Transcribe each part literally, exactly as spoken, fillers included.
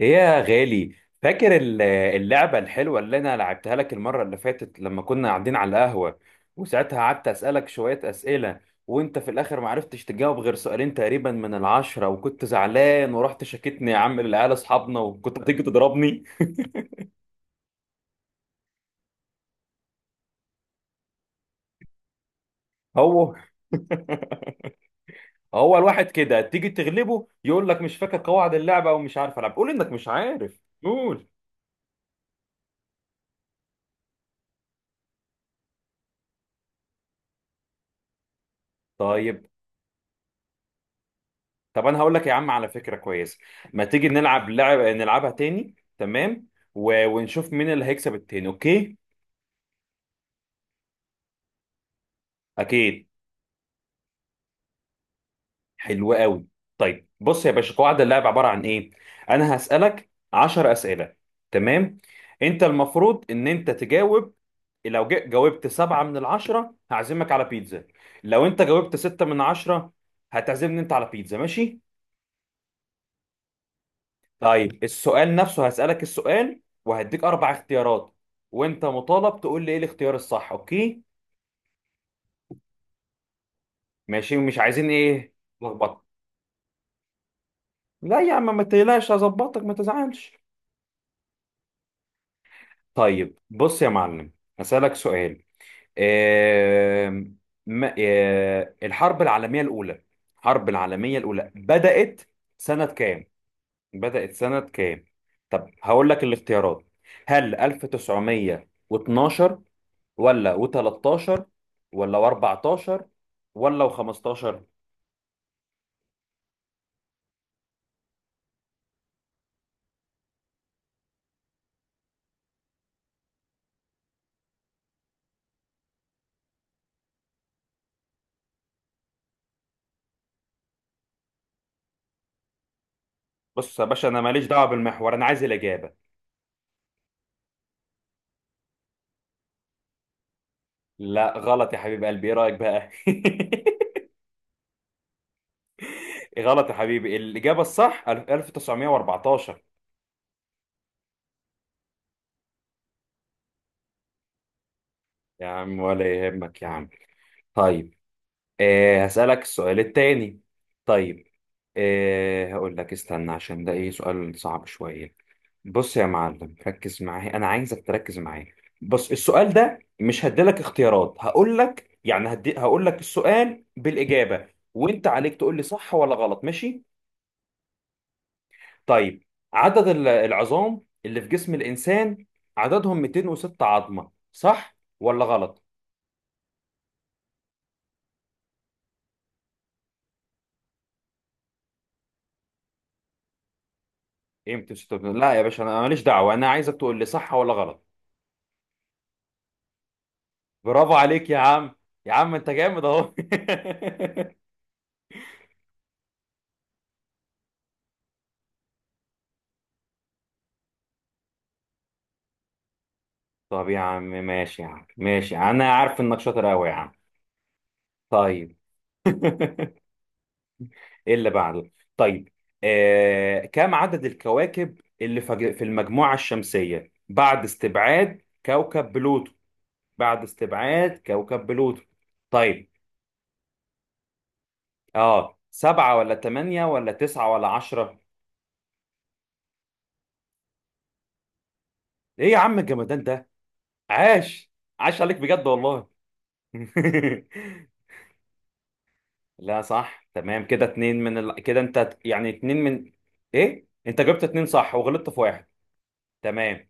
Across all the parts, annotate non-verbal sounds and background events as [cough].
ايه يا غالي. فاكر ال- اللعبة الحلوة اللي انا لعبتها لك المرة اللي فاتت لما كنا قاعدين على القهوة، وساعتها قعدت اسألك شوية اسئلة، وانت في الاخر ما عرفتش تجاوب غير سؤالين تقريبا من العشرة، وكنت زعلان ورحت شاكتني يا عم للعيال اصحابنا وكنت هتيجي تضربني. هو. [laughs] هو الواحد كده تيجي تغلبه يقول لك مش فاكر قواعد اللعبة ومش عارف العب، قول انك مش عارف، قول. طيب، طب انا هقول لك يا عم على فكره كويسه، ما تيجي نلعب لعب نلعبها تاني، تمام؟ و... ونشوف مين اللي هيكسب التاني، اوكي؟ اكيد. حلو قوي. طيب بص يا باشا، قواعد اللعب عباره عن ايه. انا هسالك عشرة اسئله، تمام؟ انت المفروض ان انت تجاوب. لو جا- جاوبت سبعة من العشرة هعزمك على بيتزا، لو انت جاوبت ستة من عشرة هتعزمني انت على بيتزا، ماشي؟ طيب، السؤال نفسه هسألك السؤال وهديك أربع اختيارات، وأنت مطالب تقول لي إيه الاختيار الصح، أوكي؟ ماشي، ومش عايزين إيه؟ لخبطة. لا يا عم ما تقلقش، هظبطك ما تزعلش. طيب بص يا معلم، هسألك سؤال. آم، ما- آه، الحرب العالمية الأولى، الحرب العالمية الأولى بدأت سنة كام؟ بدأت سنة كام؟ طب هقول لك الاختيارات، هل ألف وتسعمية واتناشر ولا و13 ولا و14 ولا و15؟ بص يا باشا انا ماليش دعوه بالمحور، انا عايز الاجابه. لا غلط يا حبيب قلبي، ايه رايك بقى؟ [laughs] غلط يا حبيبي، الاجابه الصح ألف- 1914. يا عم ولا يهمك يا عم. طيب، آه هسألك السؤال التاني. طيب آه هقول لك استنى، عشان ده ايه سؤال صعب شوية. بص يا معلم ركز معايا، انا عايزك تركز معايا. بص السؤال ده مش هديلك اختيارات، هقول لك يعني هدي هقول لك السؤال بالإجابة، وانت عليك تقول لي صح ولا غلط، ماشي؟ طيب، عدد ال- العظام اللي في جسم الإنسان عددهم مئتين وستة عظمة، صح ولا غلط؟ ايه مئتين وستة، لا يا باشا انا، أنا ماليش دعوة، انا عايزك تقول لي صح ولا غلط. برافو عليك يا عم. يا عم انت جامد اهو. [laughs] طب يا عم ماشي يا عم، ماشي، انا عارف انك شاطر قوي يا عم. طيب. [laughs] ايه اللي بعده. طيب، آه، كم عدد الكواكب اللي فج- في المجموعة الشمسية بعد استبعاد كوكب بلوتو؟ بعد استبعاد كوكب بلوتو. طيب، اه سبعة ولا تمانية ولا تسعة ولا عشرة؟ ايه يا عم الجمدان ده، عاش، عاش عليك بجد والله. [laughs] لا صح، تمام كده اتنين من ال... كده انت ت- يعني اتنين من، ايه انت جبت اتنين صح وغلطت في واحد. تمام.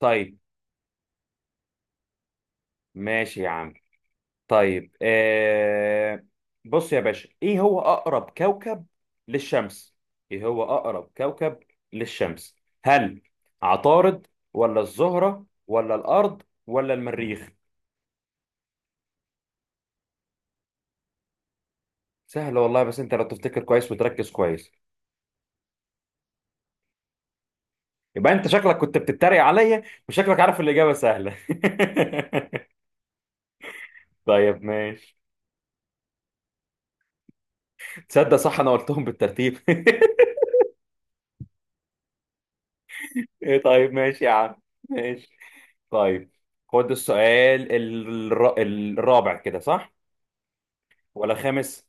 طيب ماشي يا عم. طيب آه... بص يا باشا، ايه هو اقرب كوكب للشمس؟ ايه هو اقرب كوكب للشمس؟ هل عطارد ولا الزهرة ولا الارض ولا المريخ؟ سهل والله، بس انت لو تفتكر كويس وتركز كويس. يبقى انت شكلك كنت بتتريق عليا، وشكلك عارف الاجابة سهلة. [laughs] طيب ماشي. تصدق صح، انا قلتهم بالترتيب. [laughs] إيه، طيب ماشي يا عم، ماشي. طيب خد السؤال الر... الرابع، كده صح؟ ولا خامس؟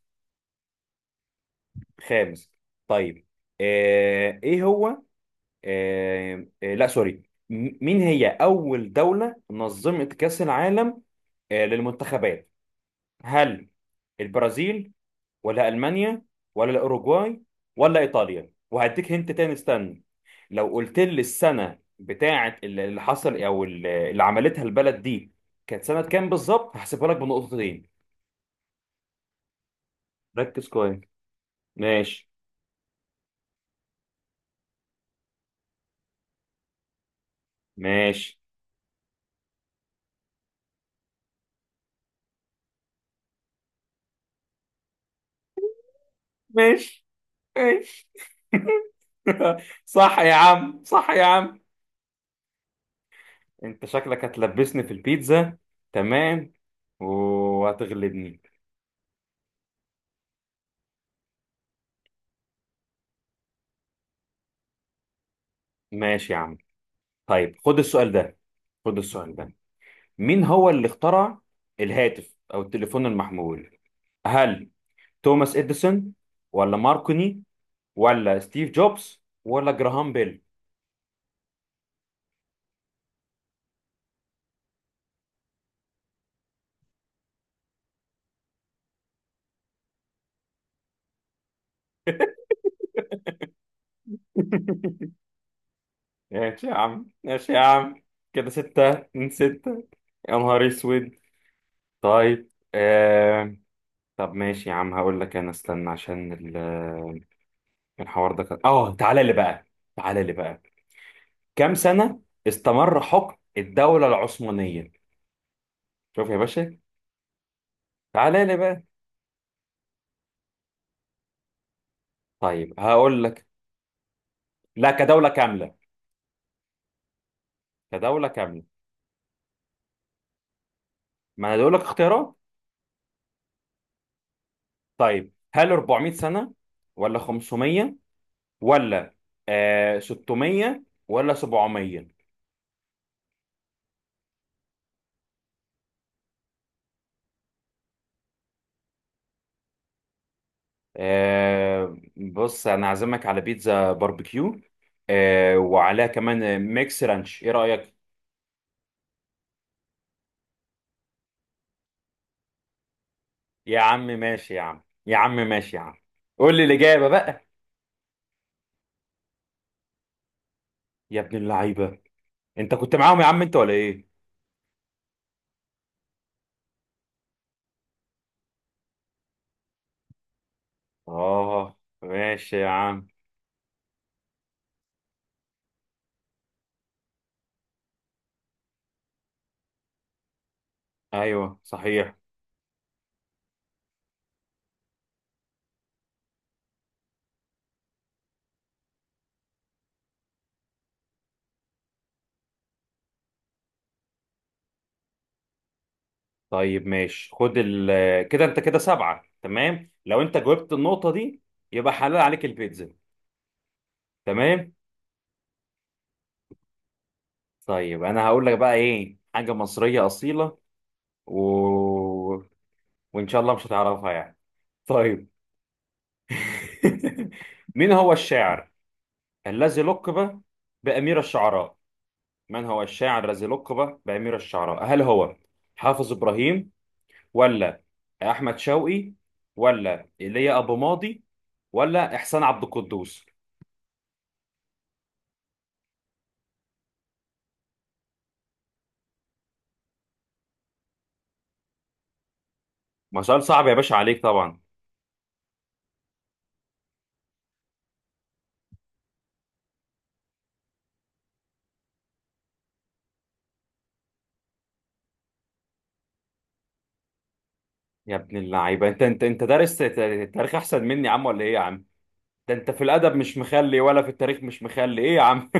خامس. طيب. آه... ايه هو آه... آه... لا سوري م- مين هي اول دولة نظمت كأس العالم، آه، للمنتخبات؟ هل البرازيل ولا المانيا ولا الاوروجواي ولا ايطاليا؟ وهديك هنت تاني، استنى، لو قلت لي السنه بتاعه اللي اللي حصل او اللي اللي عملتها البلد دي كانت سنه كام بالظبط، هحسبها لك بنقطتين. ركز كويس. ماشي، ماشي. ماشي ماشي. [laughs] صح يا عم، صح يا عم. انت شكلك هتلبسني في البيتزا، تمام، وهتغلبني. ماشي يا عم. طيب خد السؤال ده، خد السؤال ده. مين هو اللي اخترع الهاتف او التليفون المحمول؟ هل توماس اديسون ولا ماركوني ولا ستيف جوبز ولا جراهام بيل؟ [laughs] ماشي يا عم ماشي يا عم، كده ستة من ستة، يا نهار اسود. طيب آه... طب ماشي يا عم، هقول لك انا استنى عشان ال- الحوار ده كان اه، تعالى لي بقى، تعالى لي بقى. كم سنة استمر حكم الدولة العثمانية؟ شوف يا باشا، تعالى لي بقى. طيب هقول لك، لا كدولة كاملة، كدولة كاملة، ما انا بقول لك اختيارات. طيب هل أربعمائة سنة ولا خمسمائة ولا آه ستمية ولا سبعمية؟ آه بص، انا عازمك على بيتزا باربيكيو، آه وعليها كمان آه، ميكس رانش، ايه رأيك؟ يا عم ماشي يا عم، يا عم ماشي يا عم. قول لي الإجابة بقى. يا ابن اللعيبة، انت كنت معاهم يا عم انت ولا ايه؟ اه ماشي يا عم. ايوه صحيح. طيب ماشي، خد ال، كده انت كده سبعة تمام لو انت جاوبت النقطة دي، يبقى حلال عليك البيتزا، تمام. طيب انا هقول لك بقى ايه، حاجة مصرية أصيلة، و... وان شاء الله مش هتعرفها يعني. طيب. [laughs] مين هو الشاعر الذي لقب بأمير الشعراء؟ من هو الشاعر الذي لقب بأمير الشعراء؟ هل هو حافظ إبراهيم ولا أحمد شوقي ولا إيليا أبو ماضي ولا إحسان عبد القدوس؟ ما سؤال صعب يا باشا عليك طبعا. يا ابن اللعيبه، انت انت انت دارس ت- تاريخ احسن مني يا عم ولا ايه يا عم؟ ده انت في الادب مش مخلي ولا في التاريخ مش مخلي، ايه يا عم؟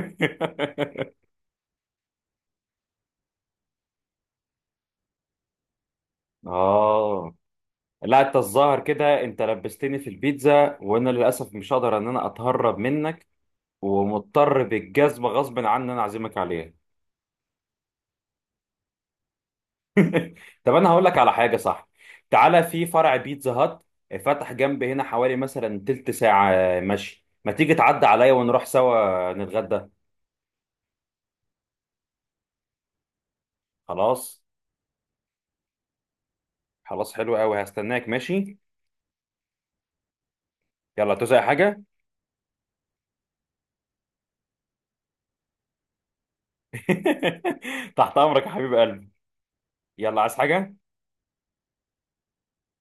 [laughs] اه. لا انت الظاهر كده انت لبستني في البيتزا، وانا للاسف مش هقدر ان انا اتهرب منك، ومضطر بالجزمه غصب عني ان انا اعزمك عليها. طب انا هقول لك على حاجه صح، تعالى، في فرع بيتزا هات فتح جنب هنا حوالي مثلا تلت ساعه مشي، ما تيجي تعدي عليا ونروح سوا نتغدى. خلاص، خلاص حلو قوي، هستناك ماشي. يلا توزع حاجه. [laughs] تحت امرك يا حبيب قلبي. يلا عايز حاجه.